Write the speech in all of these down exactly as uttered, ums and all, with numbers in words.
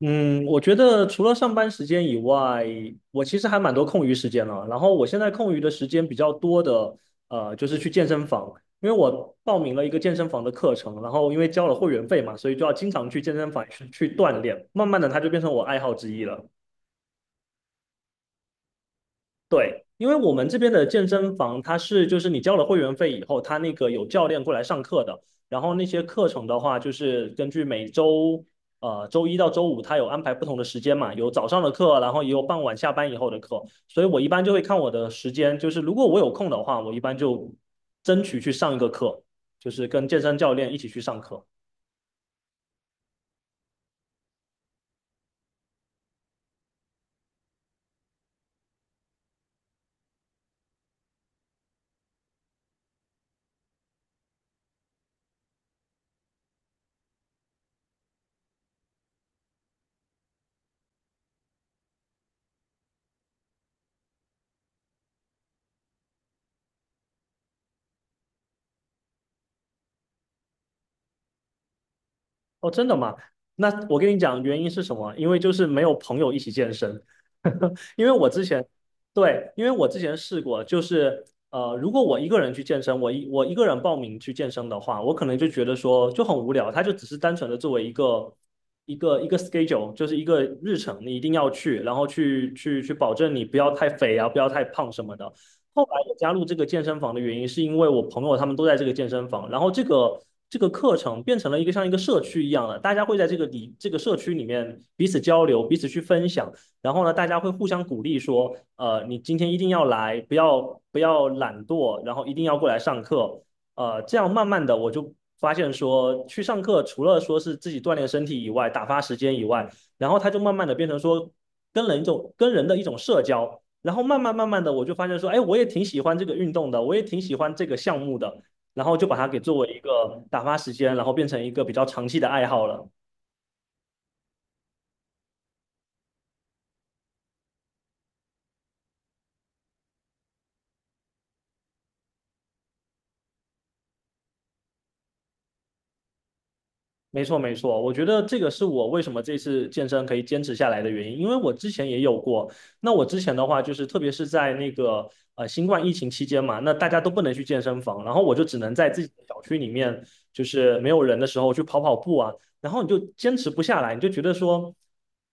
嗯，我觉得除了上班时间以外，我其实还蛮多空余时间了。然后我现在空余的时间比较多的，呃，就是去健身房，因为我报名了一个健身房的课程，然后因为交了会员费嘛，所以就要经常去健身房去去锻炼。慢慢的，它就变成我爱好之一了。对，因为我们这边的健身房，它是就是你交了会员费以后，它那个有教练过来上课的。然后那些课程的话，就是根据每周呃周一到周五，它有安排不同的时间嘛，有早上的课，然后也有傍晚下班以后的课。所以我一般就会看我的时间，就是如果我有空的话，我一般就争取去上一个课，就是跟健身教练一起去上课。哦，真的吗？那我跟你讲，原因是什么？因为就是没有朋友一起健身。因为我之前，对，因为我之前试过，就是呃，如果我一个人去健身，我一我一个人报名去健身的话，我可能就觉得说就很无聊，它就只是单纯的作为一个一个一个 schedule，就是一个日程，你一定要去，然后去去去保证你不要太肥啊，不要太胖什么的。后来我加入这个健身房的原因，是因为我朋友他们都在这个健身房，然后这个这个课程变成了一个像一个社区一样的，大家会在这个里这个社区里面彼此交流，彼此去分享，然后呢，大家会互相鼓励说，呃，你今天一定要来，不要不要懒惰，然后一定要过来上课，呃，这样慢慢的我就发现说，去上课除了说是自己锻炼身体以外，打发时间以外，然后它就慢慢的变成说跟人一种跟人的一种社交。然后慢慢慢慢的，我就发现说，哎，我也挺喜欢这个运动的，我也挺喜欢这个项目的，然后就把它给作为一个打发时间，然后变成一个比较长期的爱好了。没错，没错，我觉得这个是我为什么这次健身可以坚持下来的原因，因为我之前也有过。那我之前的话，就是特别是在那个呃新冠疫情期间嘛，那大家都不能去健身房，然后我就只能在自己的小区里面，就是没有人的时候去跑跑步啊，然后你就坚持不下来，你就觉得说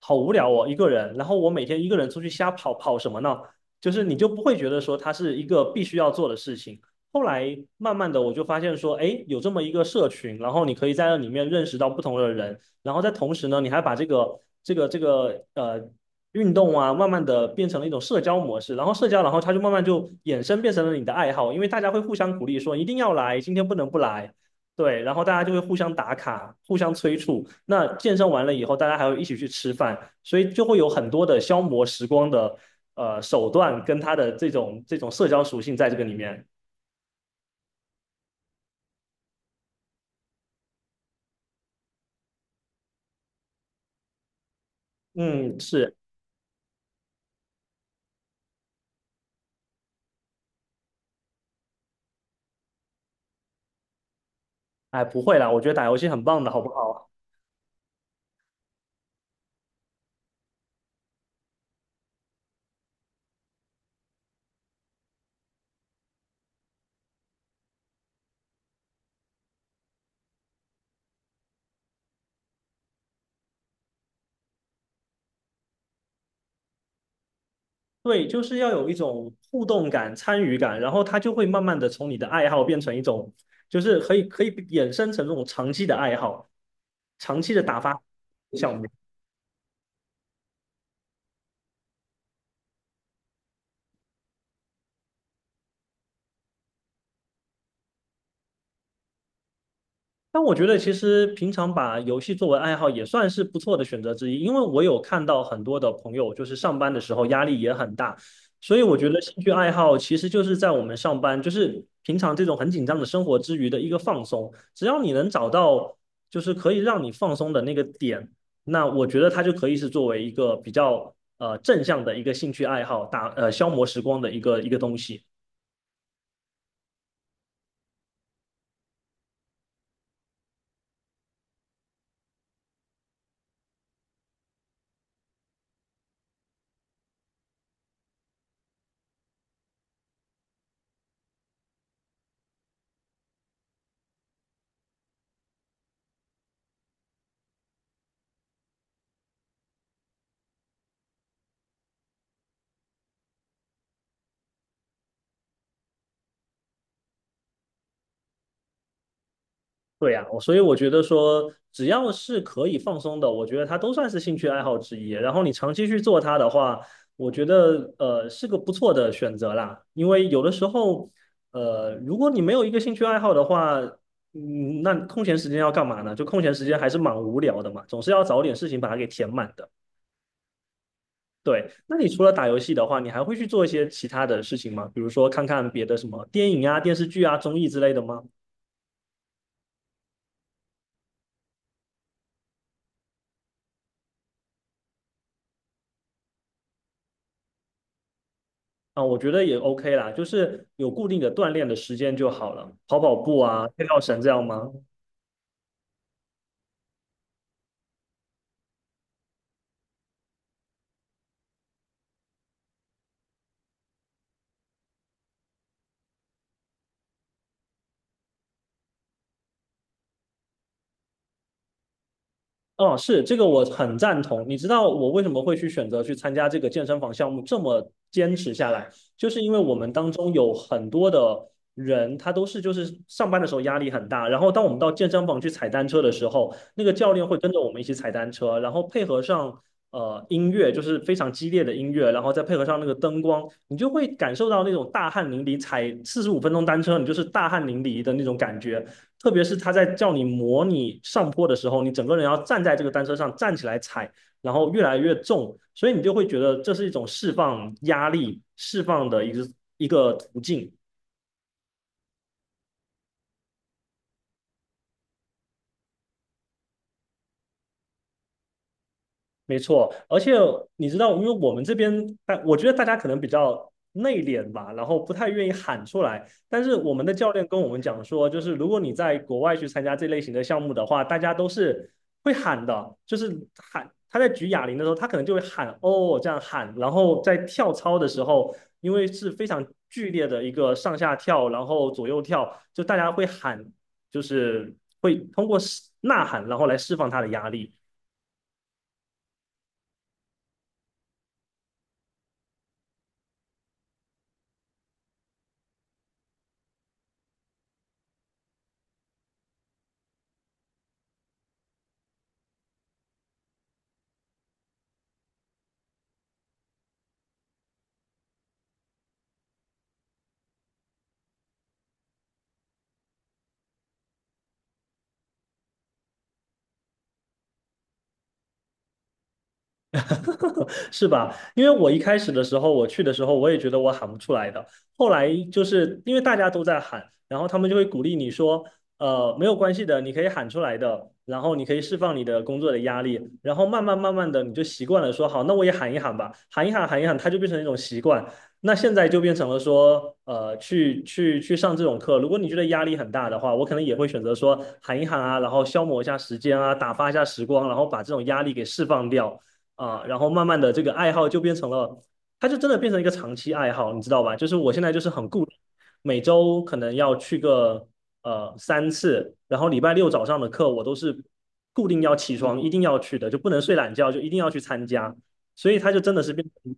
好无聊哦，一个人，然后我每天一个人出去瞎跑，跑什么呢？就是你就不会觉得说它是一个必须要做的事情。后来慢慢的我就发现说，哎，有这么一个社群，然后你可以在那里面认识到不同的人，然后在同时呢，你还把这个这个这个呃运动啊，慢慢的变成了一种社交模式，然后社交，然后它就慢慢就衍生变成了你的爱好，因为大家会互相鼓励说一定要来，今天不能不来，对，然后大家就会互相打卡，互相催促。那健身完了以后，大家还会一起去吃饭，所以就会有很多的消磨时光的呃手段跟它的这种这种社交属性在这个里面。嗯，是，哎，不会啦，我觉得打游戏很棒的，好不好？对，就是要有一种互动感、参与感，然后它就会慢慢的从你的爱好变成一种，就是可以可以衍生成这种长期的爱好、长期的打发项目。但我觉得其实平常把游戏作为爱好也算是不错的选择之一，因为我有看到很多的朋友就是上班的时候压力也很大，所以我觉得兴趣爱好其实就是在我们上班，就是平常这种很紧张的生活之余的一个放松。只要你能找到就是可以让你放松的那个点，那我觉得它就可以是作为一个比较呃正向的一个兴趣爱好，打呃消磨时光的一个一个东西。对呀，我所以我觉得说，只要是可以放松的，我觉得它都算是兴趣爱好之一。然后你长期去做它的话，我觉得呃是个不错的选择啦。因为有的时候，呃，如果你没有一个兴趣爱好的话，嗯，那空闲时间要干嘛呢？就空闲时间还是蛮无聊的嘛，总是要找点事情把它给填满的。对，那你除了打游戏的话，你还会去做一些其他的事情吗？比如说看看别的什么电影啊、电视剧啊、综艺之类的吗？啊，我觉得也 OK 啦，就是有固定的锻炼的时间就好了，跑跑步啊，跳跳绳这样吗？哦，是这个我很赞同。你知道我为什么会去选择去参加这个健身房项目，这么坚持下来，就是因为我们当中有很多的人，他都是就是上班的时候压力很大，然后当我们到健身房去踩单车的时候，那个教练会跟着我们一起踩单车，然后配合上呃音乐，就是非常激烈的音乐，然后再配合上那个灯光，你就会感受到那种大汗淋漓，踩四十五分钟单车，你就是大汗淋漓的那种感觉。特别是他在叫你模拟上坡的时候，你整个人要站在这个单车上站起来踩，然后越来越重，所以你就会觉得这是一种释放压力、释放的一个一个途径。没错，而且你知道，因为我们这边，但我觉得大家可能比较内敛吧，然后不太愿意喊出来。但是我们的教练跟我们讲说，就是如果你在国外去参加这类型的项目的话，大家都是会喊的，就是喊。他在举哑铃的时候，他可能就会喊哦这样喊，然后在跳操的时候，因为是非常剧烈的一个上下跳，然后左右跳，就大家会喊，就是会通过呐喊，然后来释放他的压力。是吧？因为我一开始的时候，我去的时候，我也觉得我喊不出来的。后来就是因为大家都在喊，然后他们就会鼓励你说，呃，没有关系的，你可以喊出来的，然后你可以释放你的工作的压力，然后慢慢慢慢的你就习惯了说，好，那我也喊一喊吧，喊一喊，喊一喊，它就变成一种习惯。那现在就变成了说，呃，去去去上这种课，如果你觉得压力很大的话，我可能也会选择说喊一喊啊，然后消磨一下时间啊，打发一下时光，然后把这种压力给释放掉。啊、呃然后慢慢的这个爱好就变成了，它就真的变成一个长期爱好，你知道吧？就是我现在就是很固定，每周可能要去个呃三次，然后礼拜六早上的课我都是固定要起床一定要去的，就不能睡懒觉，就一定要去参加，所以它就真的是变成。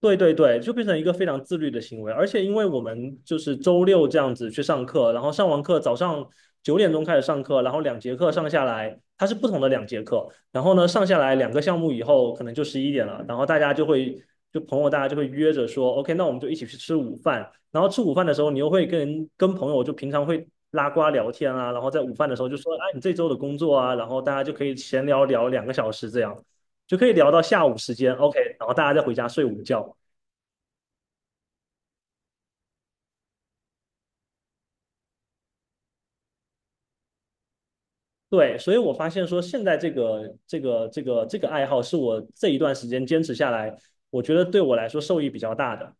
对对对，就变成一个非常自律的行为，而且因为我们就是周六这样子去上课，然后上完课早上九点钟开始上课，然后两节课上下来，它是不同的两节课，然后呢上下来两个项目以后可能就十一点了，然后大家就会就朋友大家就会约着说，OK，那我们就一起去吃午饭，然后吃午饭的时候你又会跟跟朋友就平常会拉呱聊天啊，然后在午饭的时候就说，哎，你这周的工作啊，然后大家就可以闲聊聊两个小时这样。就可以聊到下午时间，OK，然后大家再回家睡午觉，对，所以我发现说，现在这个这个这个这个爱好是我这一段时间坚持下来，我觉得对我来说受益比较大的。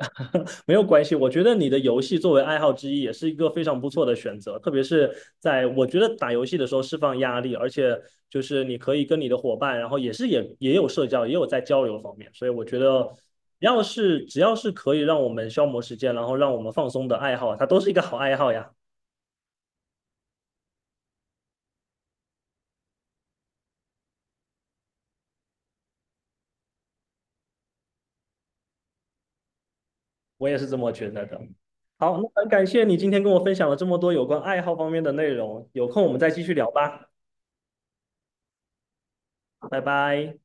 没有关系，我觉得你的游戏作为爱好之一也是一个非常不错的选择，特别是在我觉得打游戏的时候释放压力，而且就是你可以跟你的伙伴，然后也是也也有社交，也有在交流方面，所以我觉得只要是只要是可以让我们消磨时间，然后让我们放松的爱好，它都是一个好爱好呀。我也是这么觉得的。好，那很感谢你今天跟我分享了这么多有关爱好方面的内容，有空我们再继续聊吧，拜拜。